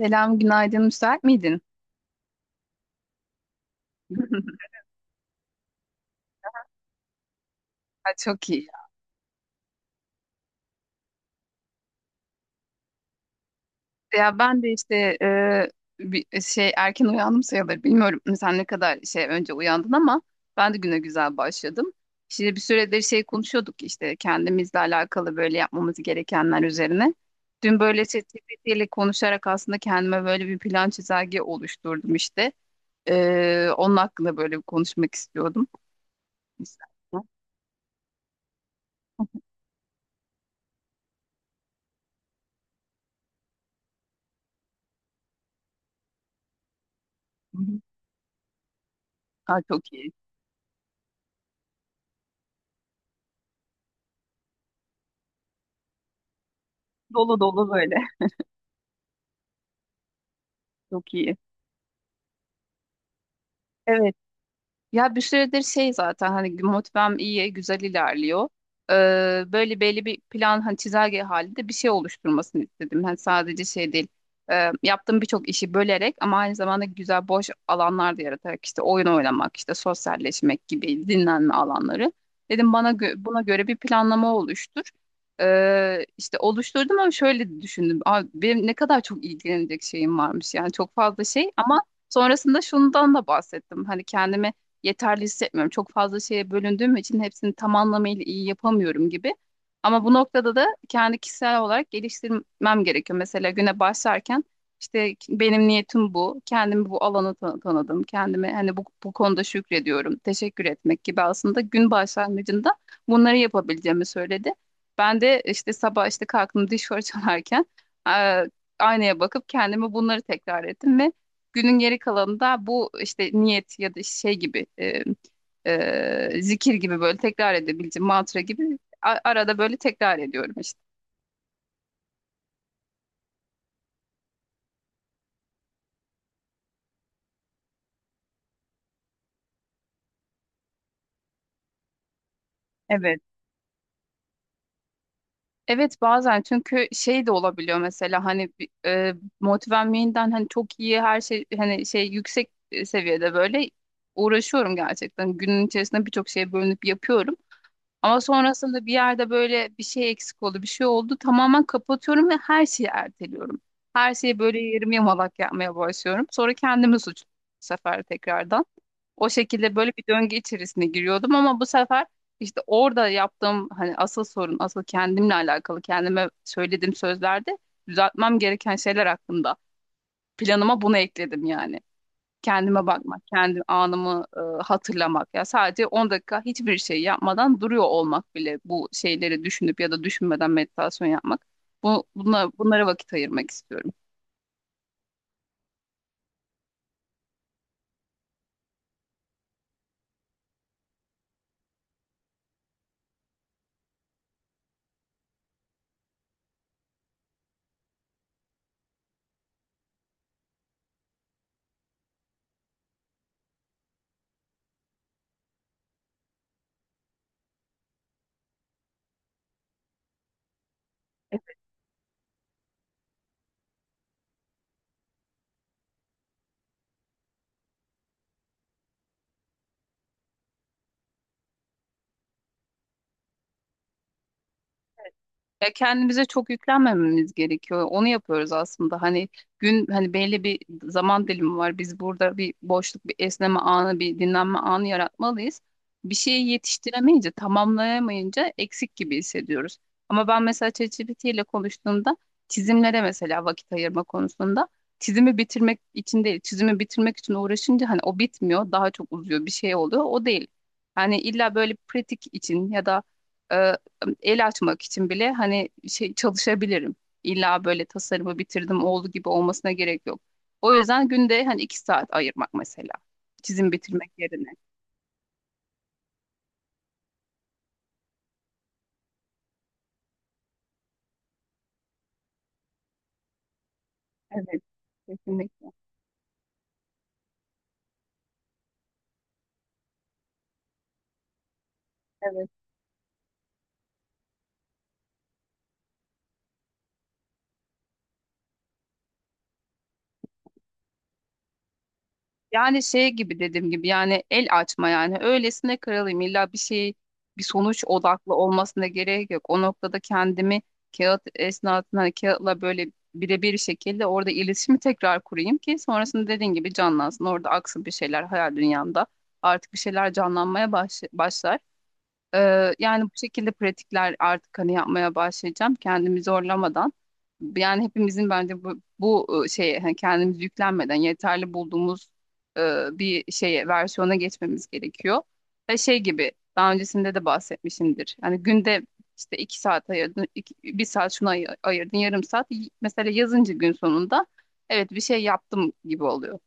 Selam, günaydın. Müsait miydin? Ha, çok iyi. Ya ben de işte bir şey erken uyandım sayılır. Bilmiyorum sen ne kadar şey önce uyandın ama ben de güne güzel başladım. Şimdi bir süredir şey konuşuyorduk işte kendimizle alakalı böyle yapmamız gerekenler üzerine. Dün böyle ChatGPT ile konuşarak aslında kendime böyle bir plan çizelge oluşturdum işte. Onun hakkında böyle bir konuşmak istiyordum. Müsait mi? Hı hı. Ha, çok iyi. Dolu dolu böyle. Çok iyi. Evet. Ya bir süredir şey zaten hani motivem iyi, güzel ilerliyor. Böyle belli bir plan hani çizelge halinde bir şey oluşturmasını istedim. Hani sadece şey değil. Yaptığım birçok işi bölerek ama aynı zamanda güzel boş alanlar da yaratarak işte oyun oynamak, işte sosyalleşmek gibi dinlenme alanları. Dedim buna göre bir planlama oluştur. İşte oluşturdum ama şöyle düşündüm. Abi, benim ne kadar çok ilgilenecek şeyim varmış yani çok fazla şey ama sonrasında şundan da bahsettim. Hani kendimi yeterli hissetmiyorum. Çok fazla şeye bölündüğüm için hepsini tam anlamıyla iyi yapamıyorum gibi. Ama bu noktada da kendi kişisel olarak geliştirmem gerekiyor. Mesela güne başlarken işte benim niyetim bu. Kendimi bu alana tanıdım. Kendime hani bu konuda şükrediyorum. Teşekkür etmek gibi aslında gün başlangıcında bunları yapabileceğimi söyledi. Ben de işte sabah işte kalktım diş fırçalarken eee, aynaya bakıp kendime bunları tekrar ettim ve günün geri kalanında bu işte niyet ya da işte şey gibi zikir gibi böyle tekrar edebileceğim mantra gibi arada böyle tekrar ediyorum işte. Evet. Evet bazen çünkü şey de olabiliyor mesela hani motivem yayından hani çok iyi her şey hani şey yüksek seviyede böyle uğraşıyorum gerçekten. Günün içerisinde birçok şeye bölünüp yapıyorum. Ama sonrasında bir yerde böyle bir şey eksik oldu, bir şey oldu. Tamamen kapatıyorum ve her şeyi erteliyorum. Her şeyi böyle yarım yamalak yapmaya başlıyorum. Sonra kendimi suçluyorum bu sefer tekrardan. O şekilde böyle bir döngü içerisine giriyordum ama bu sefer işte orada yaptığım hani asıl sorun, asıl kendimle alakalı, kendime söylediğim sözlerde düzeltmem gereken şeyler hakkında planıma bunu ekledim yani kendime bakmak, kendi anımı hatırlamak ya sadece 10 dakika hiçbir şey yapmadan duruyor olmak bile bu şeyleri düşünüp ya da düşünmeden meditasyon yapmak. Bunlara vakit ayırmak istiyorum. Ya kendimize çok yüklenmememiz gerekiyor. Onu yapıyoruz aslında. Hani gün hani belli bir zaman dilimi var. Biz burada bir boşluk, bir esneme anı, bir dinlenme anı yaratmalıyız. Bir şeyi yetiştiremeyince, tamamlayamayınca eksik gibi hissediyoruz. Ama ben mesela ChatGPT ile konuştuğumda çizimlere mesela vakit ayırma konusunda çizimi bitirmek için değil, çizimi bitirmek için uğraşınca hani o bitmiyor, daha çok uzuyor, bir şey oluyor. O değil. Hani illa böyle pratik için ya da e, el açmak için bile hani şey çalışabilirim. İlla böyle tasarımı bitirdim oldu gibi olmasına gerek yok. O yüzden günde hani iki saat ayırmak mesela. Çizim bitirmek yerine. Evet, kesinlikle. Evet. Yani şey gibi dediğim gibi yani el açma yani öylesine kırılayım illa bir şey bir sonuç odaklı olmasına gerek yok. O noktada kendimi kağıt esnasında hani kağıtla böyle birebir şekilde orada iletişimi tekrar kurayım ki sonrasında dediğin gibi canlansın. Orada aksın bir şeyler hayal dünyamda artık bir şeyler canlanmaya başlar. Yani bu şekilde pratikler artık hani yapmaya başlayacağım kendimi zorlamadan. Yani hepimizin bence bu şeye hani kendimizi yüklenmeden yeterli bulduğumuz e, bir şeye versiyona geçmemiz gerekiyor. Ve şey gibi daha öncesinde de bahsetmişimdir. Yani günde işte iki saat ayırdın, bir saat şuna ayırdın, yarım saat. Mesela yazınca gün sonunda evet bir şey yaptım gibi oluyor.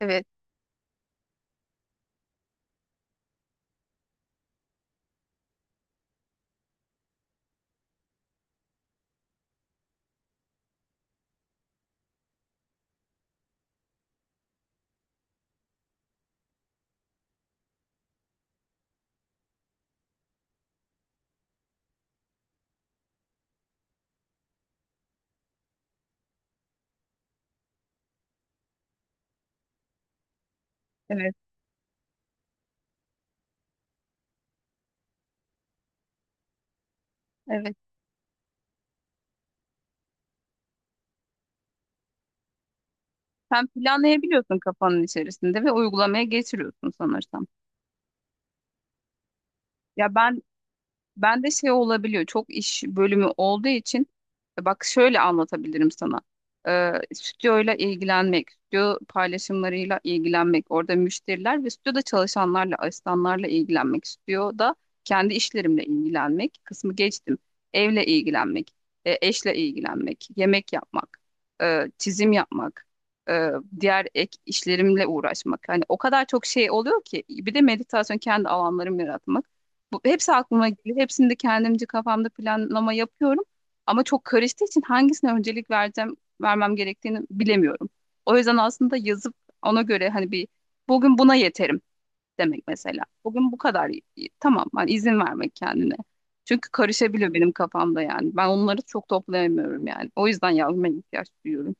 Evet, evet, evet. Sen planlayabiliyorsun kafanın içerisinde ve uygulamaya geçiriyorsun sanırsam. Ya ben de şey olabiliyor. Çok iş bölümü olduğu için bak şöyle anlatabilirim sana. Stüdyoyla ilgilenmek, stüdyo paylaşımlarıyla ilgilenmek, orada müşteriler ve stüdyoda çalışanlarla, asistanlarla ilgilenmek, stüdyoda kendi işlerimle ilgilenmek kısmı geçtim. Evle ilgilenmek, eşle ilgilenmek, yemek yapmak, çizim yapmak, e, diğer ek işlerimle uğraşmak. Hani o kadar çok şey oluyor ki bir de meditasyon kendi alanlarımı yaratmak. Bu, hepsi aklıma geliyor. Hepsini de kendimce kafamda planlama yapıyorum. Ama çok karıştığı için hangisine öncelik vereceğim, vermem gerektiğini bilemiyorum. O yüzden aslında yazıp ona göre hani bir bugün buna yeterim demek mesela. Bugün bu kadar tamam hani izin vermek kendine. Çünkü karışabiliyor benim kafamda yani. Ben onları çok toplayamıyorum yani. O yüzden yazmaya ihtiyaç duyuyorum.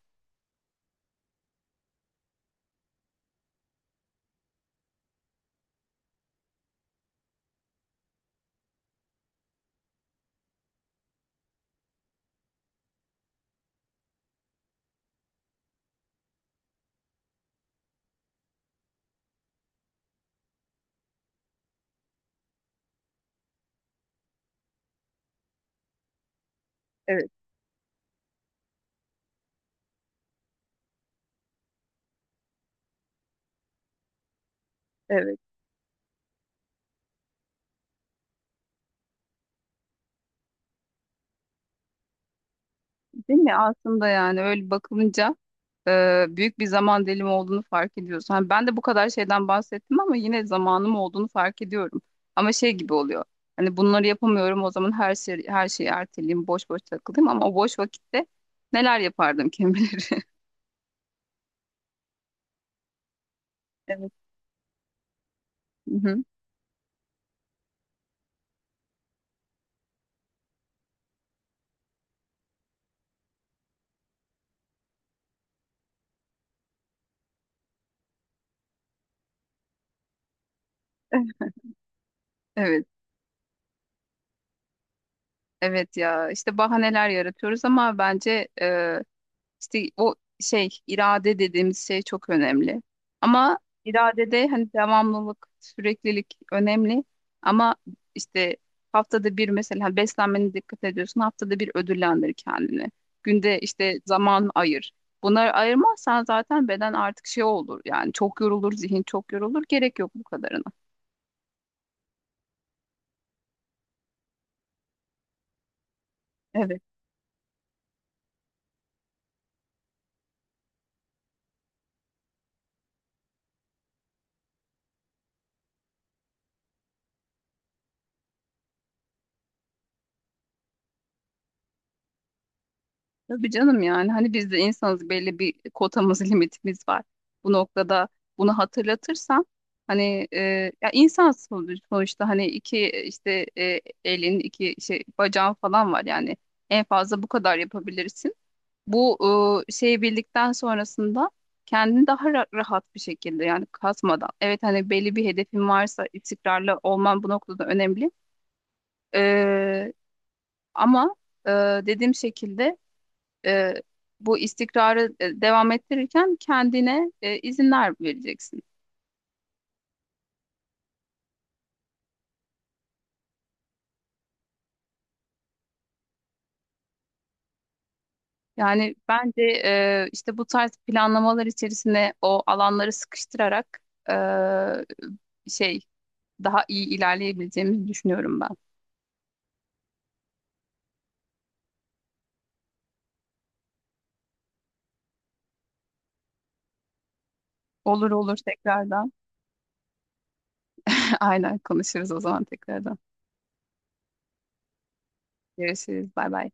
Evet, evet. Değil mi? Aslında yani öyle bakılınca büyük bir zaman dilimi olduğunu fark ediyorsun. Hani ben de bu kadar şeyden bahsettim ama yine zamanım olduğunu fark ediyorum. Ama şey gibi oluyor. Hani bunları yapamıyorum o zaman her şeyi erteleyeyim, boş boş takılayım ama o boş vakitte neler yapardım kim bilir. Evet. Hı hı. Evet, evet ya işte bahaneler yaratıyoruz ama bence İşte o şey irade dediğimiz şey çok önemli. Ama iradede hani devamlılık, süreklilik önemli. Ama işte haftada bir mesela hani beslenmene dikkat ediyorsun. Haftada bir ödüllendir kendini. Günde işte zaman ayır. Bunları ayırmazsan zaten beden artık şey olur. Yani çok yorulur, zihin çok yorulur. Gerek yok bu kadarına. Evet. Tabii canım yani hani biz de insanız belli bir kotamız limitimiz var. Bu noktada bunu hatırlatırsan hani ya insan sonuçta hani iki işte elin iki bacağın falan var yani en fazla bu kadar yapabilirsin. Bu şeyi bildikten sonrasında kendini daha rahat bir şekilde yani kasmadan evet hani belli bir hedefin varsa istikrarlı olman bu noktada önemli. E, ama e, dediğim şekilde e, bu istikrarı devam ettirirken kendine izinler vereceksin. Yani bence işte bu tarz planlamalar içerisinde o alanları sıkıştırarak e, şey daha iyi ilerleyebileceğimizi düşünüyorum ben. Olur olur tekrardan. Aynen konuşuruz o zaman tekrardan. Görüşürüz. Bay bay.